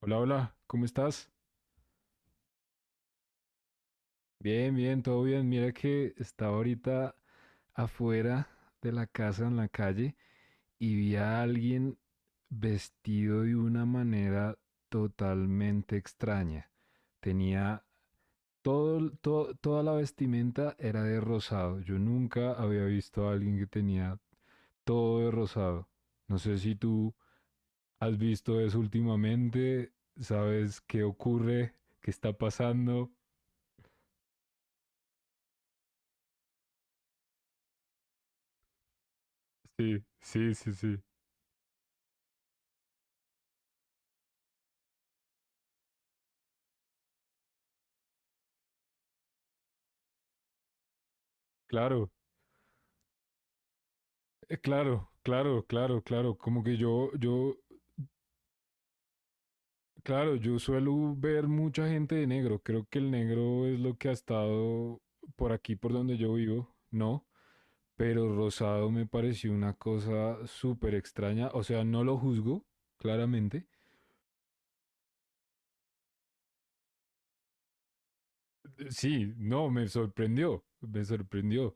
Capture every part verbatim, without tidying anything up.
Hola, hola, ¿cómo estás? Bien, bien, todo bien. Mira que estaba ahorita afuera de la casa en la calle y vi a alguien vestido de una manera totalmente extraña. Tenía todo, el- toda la vestimenta era de rosado. Yo nunca había visto a alguien que tenía todo de rosado. No sé si tú has visto eso últimamente, sabes qué ocurre, qué está pasando. Sí, sí, sí, sí. Claro, eh, claro, claro, claro, claro. Como que yo, yo, claro, yo suelo ver mucha gente de negro. Creo que el negro es lo que ha estado por aquí, por donde yo vivo, ¿no? Pero rosado me pareció una cosa súper extraña. O sea, no lo juzgo, claramente. Eh, Sí, no, me sorprendió, me sorprendió.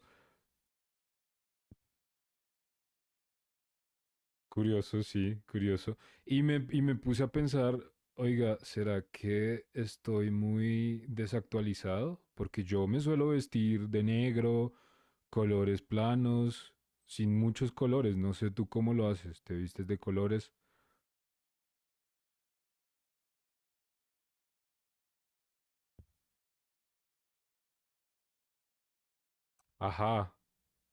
Curioso, sí, curioso. Y me, y me puse a pensar, oiga, ¿será que estoy muy desactualizado? Porque yo me suelo vestir de negro, colores planos, sin muchos colores. No sé tú cómo lo haces. ¿Te vistes de colores? Ajá,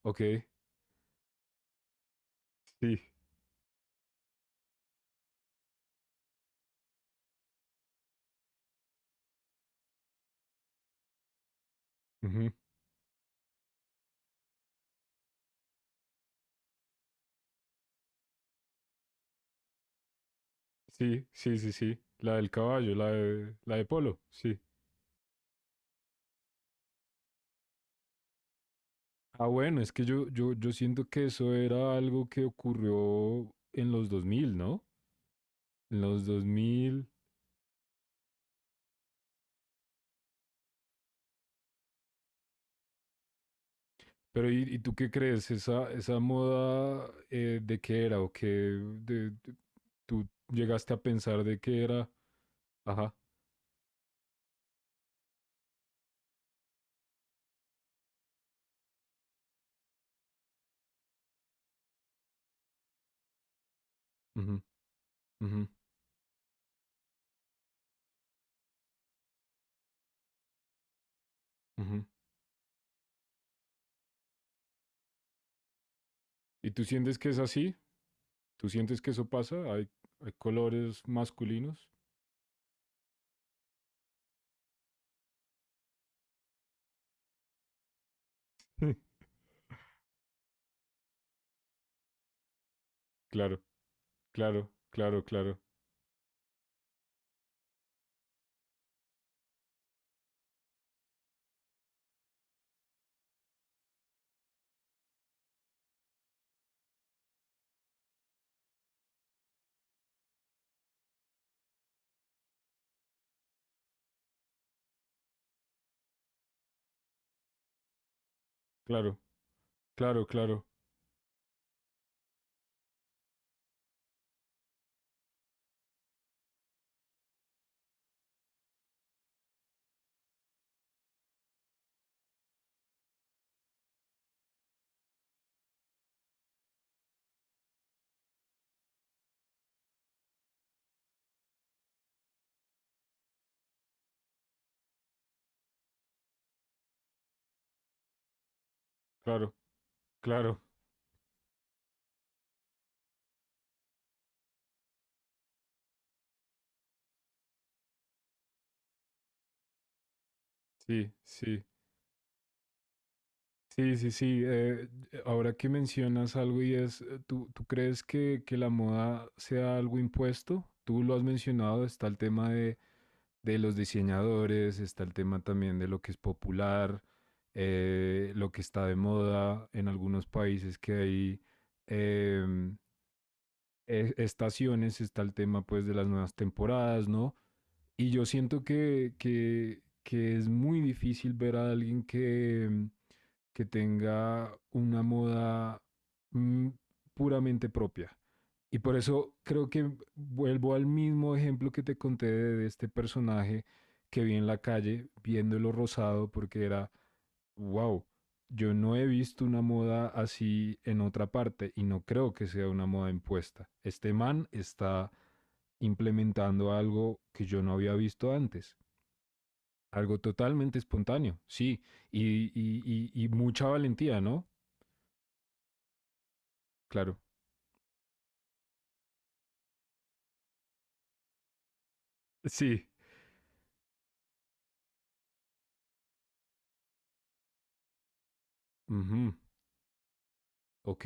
ok, sí. Ujú, sí, sí, sí, sí. La del caballo, la de, la de polo, sí. Ah, bueno, es que yo, yo, yo siento que eso era algo que ocurrió en los dos mil, ¿no? En los dos mil. Pero ¿y, y tú qué crees? ¿Esa, esa moda eh, de qué era o qué de- de- tú llegaste a pensar de qué era? Ajá. Ujú, ujú, ujú. ¿Y tú sientes que es así? ¿Tú sientes que eso pasa? ¿Hay, hay colores masculinos? Claro, claro, claro, claro, claro, claro, claro, claro, claro. Sí, sí. Sí, sí, sí. eh, ahora que mencionas algo y es, eh, ¿tú, tú crees que, que la moda sea algo impuesto? Tú lo has mencionado, está el tema de, de los diseñadores, está el tema también de lo que es popular, eh, lo que está de moda en algunos países que hay em, e- estaciones, está el tema pues de las nuevas temporadas, ¿no? Y yo siento que, que, que es muy difícil ver a alguien que, mm, que tenga una moda mm, puramente propia. Y por eso creo que vuelvo al mismo ejemplo que te conté de, de este personaje que vi en la calle viéndolo rosado porque era, wow, yo no he visto una moda así en otra parte y no creo que sea una moda impuesta. Este man está implementando algo que yo no había visto antes. Algo totalmente espontáneo, sí. Y, y, y, y mucha valentía, ¿no? Claro. Sí. Ujú, ok.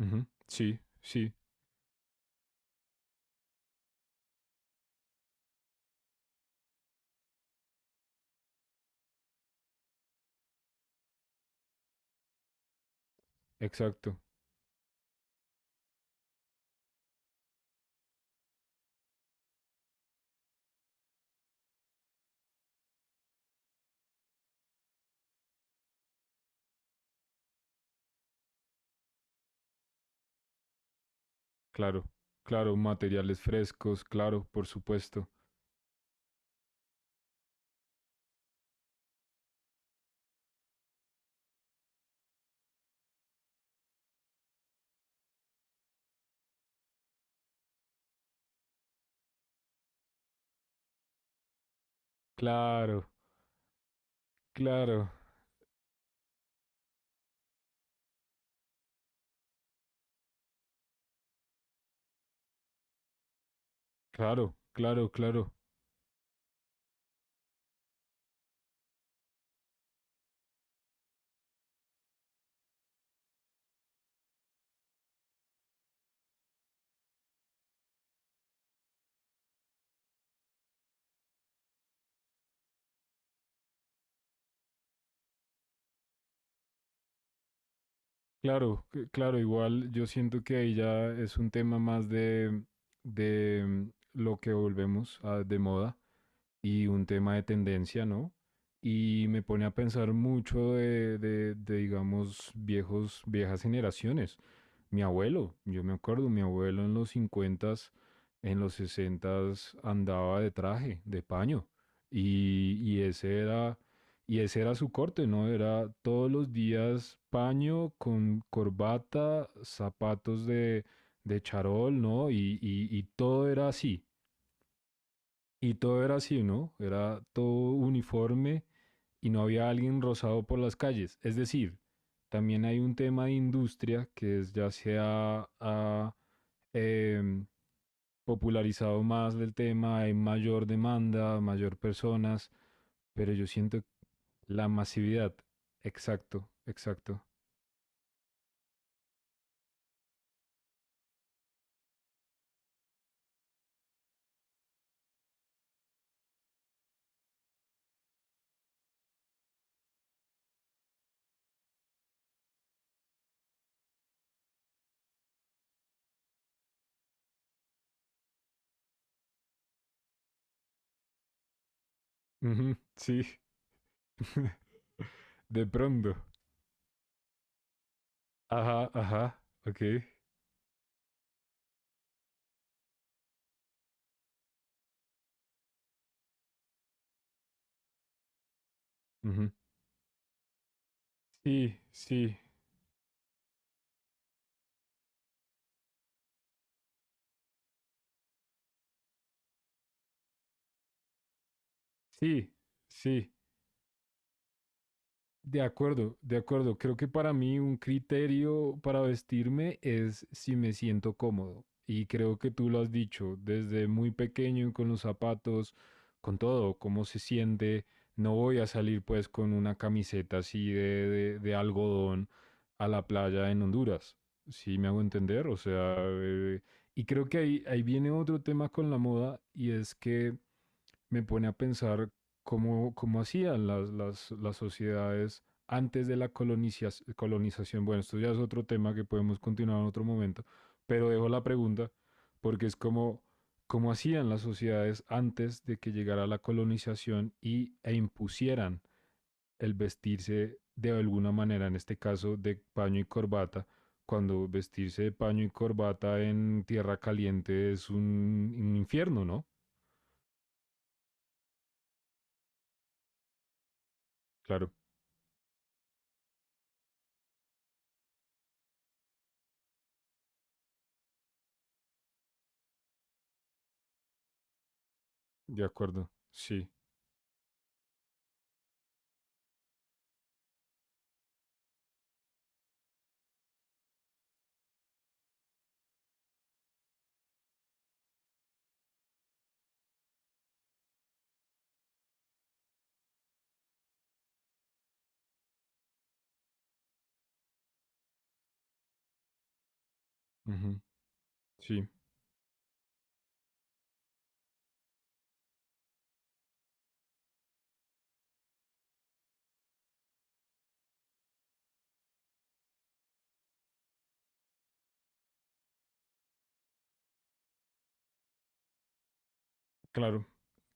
Ujú, sí, sí, exacto. Claro. Claro, materiales frescos, claro, por supuesto. Claro, claro, claro, claro, claro. Claro, c- claro, igual yo siento que ahí ya es un tema más de, de mm, lo que volvemos a- de moda y un tema de tendencia, ¿no? Y me pone a pensar mucho de, de, de, digamos, viejos, viejas generaciones. Mi abuelo, yo me acuerdo, mi abuelo en los cincuentas en los sesentas andaba de traje, de paño. Y, y, ese era, y ese era su corte, ¿no? Era todos los días paño con corbata, zapatos de, de charol, ¿no? Y, y, y todo era así. Y todo era así, ¿no? Era todo uniforme y no había alguien rozado por las calles. Es decir, también hay un tema de industria que es, ya se ha, ha, eh, popularizado más del tema, hay mayor demanda, mayor personas, pero yo siento la masividad. Exacto, exacto. Ujú, sí, de pronto. Ajá, ajá, ok. Ujú. Sí, sí, sí, sí. De acuerdo, de acuerdo. Creo que para mí un criterio para vestirme es si me siento cómodo. Y creo que tú lo has dicho desde muy pequeño con los zapatos, con todo, cómo se siente. No voy a salir pues con una camiseta así de, de- de algodón a la playa en Honduras. Si me hago entender, o sea, eh, y creo que ahí, ahí viene otro tema con la moda y es que me pone a pensar cómo, cómo hacían las, las, las sociedades antes de la colonizas- colonización. Bueno, esto ya es otro tema que podemos continuar en otro momento, pero dejo la pregunta porque es como cómo hacían las sociedades antes de que llegara la colonización y, e impusieran el vestirse de alguna manera, en este caso de paño y corbata, cuando vestirse de paño y corbata en tierra caliente es un, un infierno, ¿no? Claro, de acuerdo, sí. Ujú, sí, claro,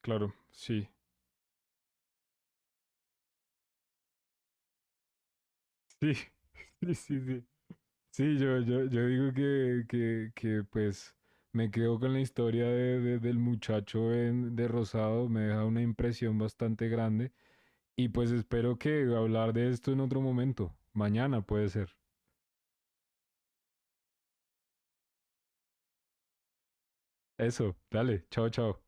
claro, sí, sí, sí, sí, sí. Sí, yo, yo, yo digo que, que, que, pues me quedo con la historia de, de- del muchacho en- de Rosado, me deja una impresión bastante grande y pues espero que hablar de esto en otro momento, mañana puede ser. Eso, dale, chao, chao.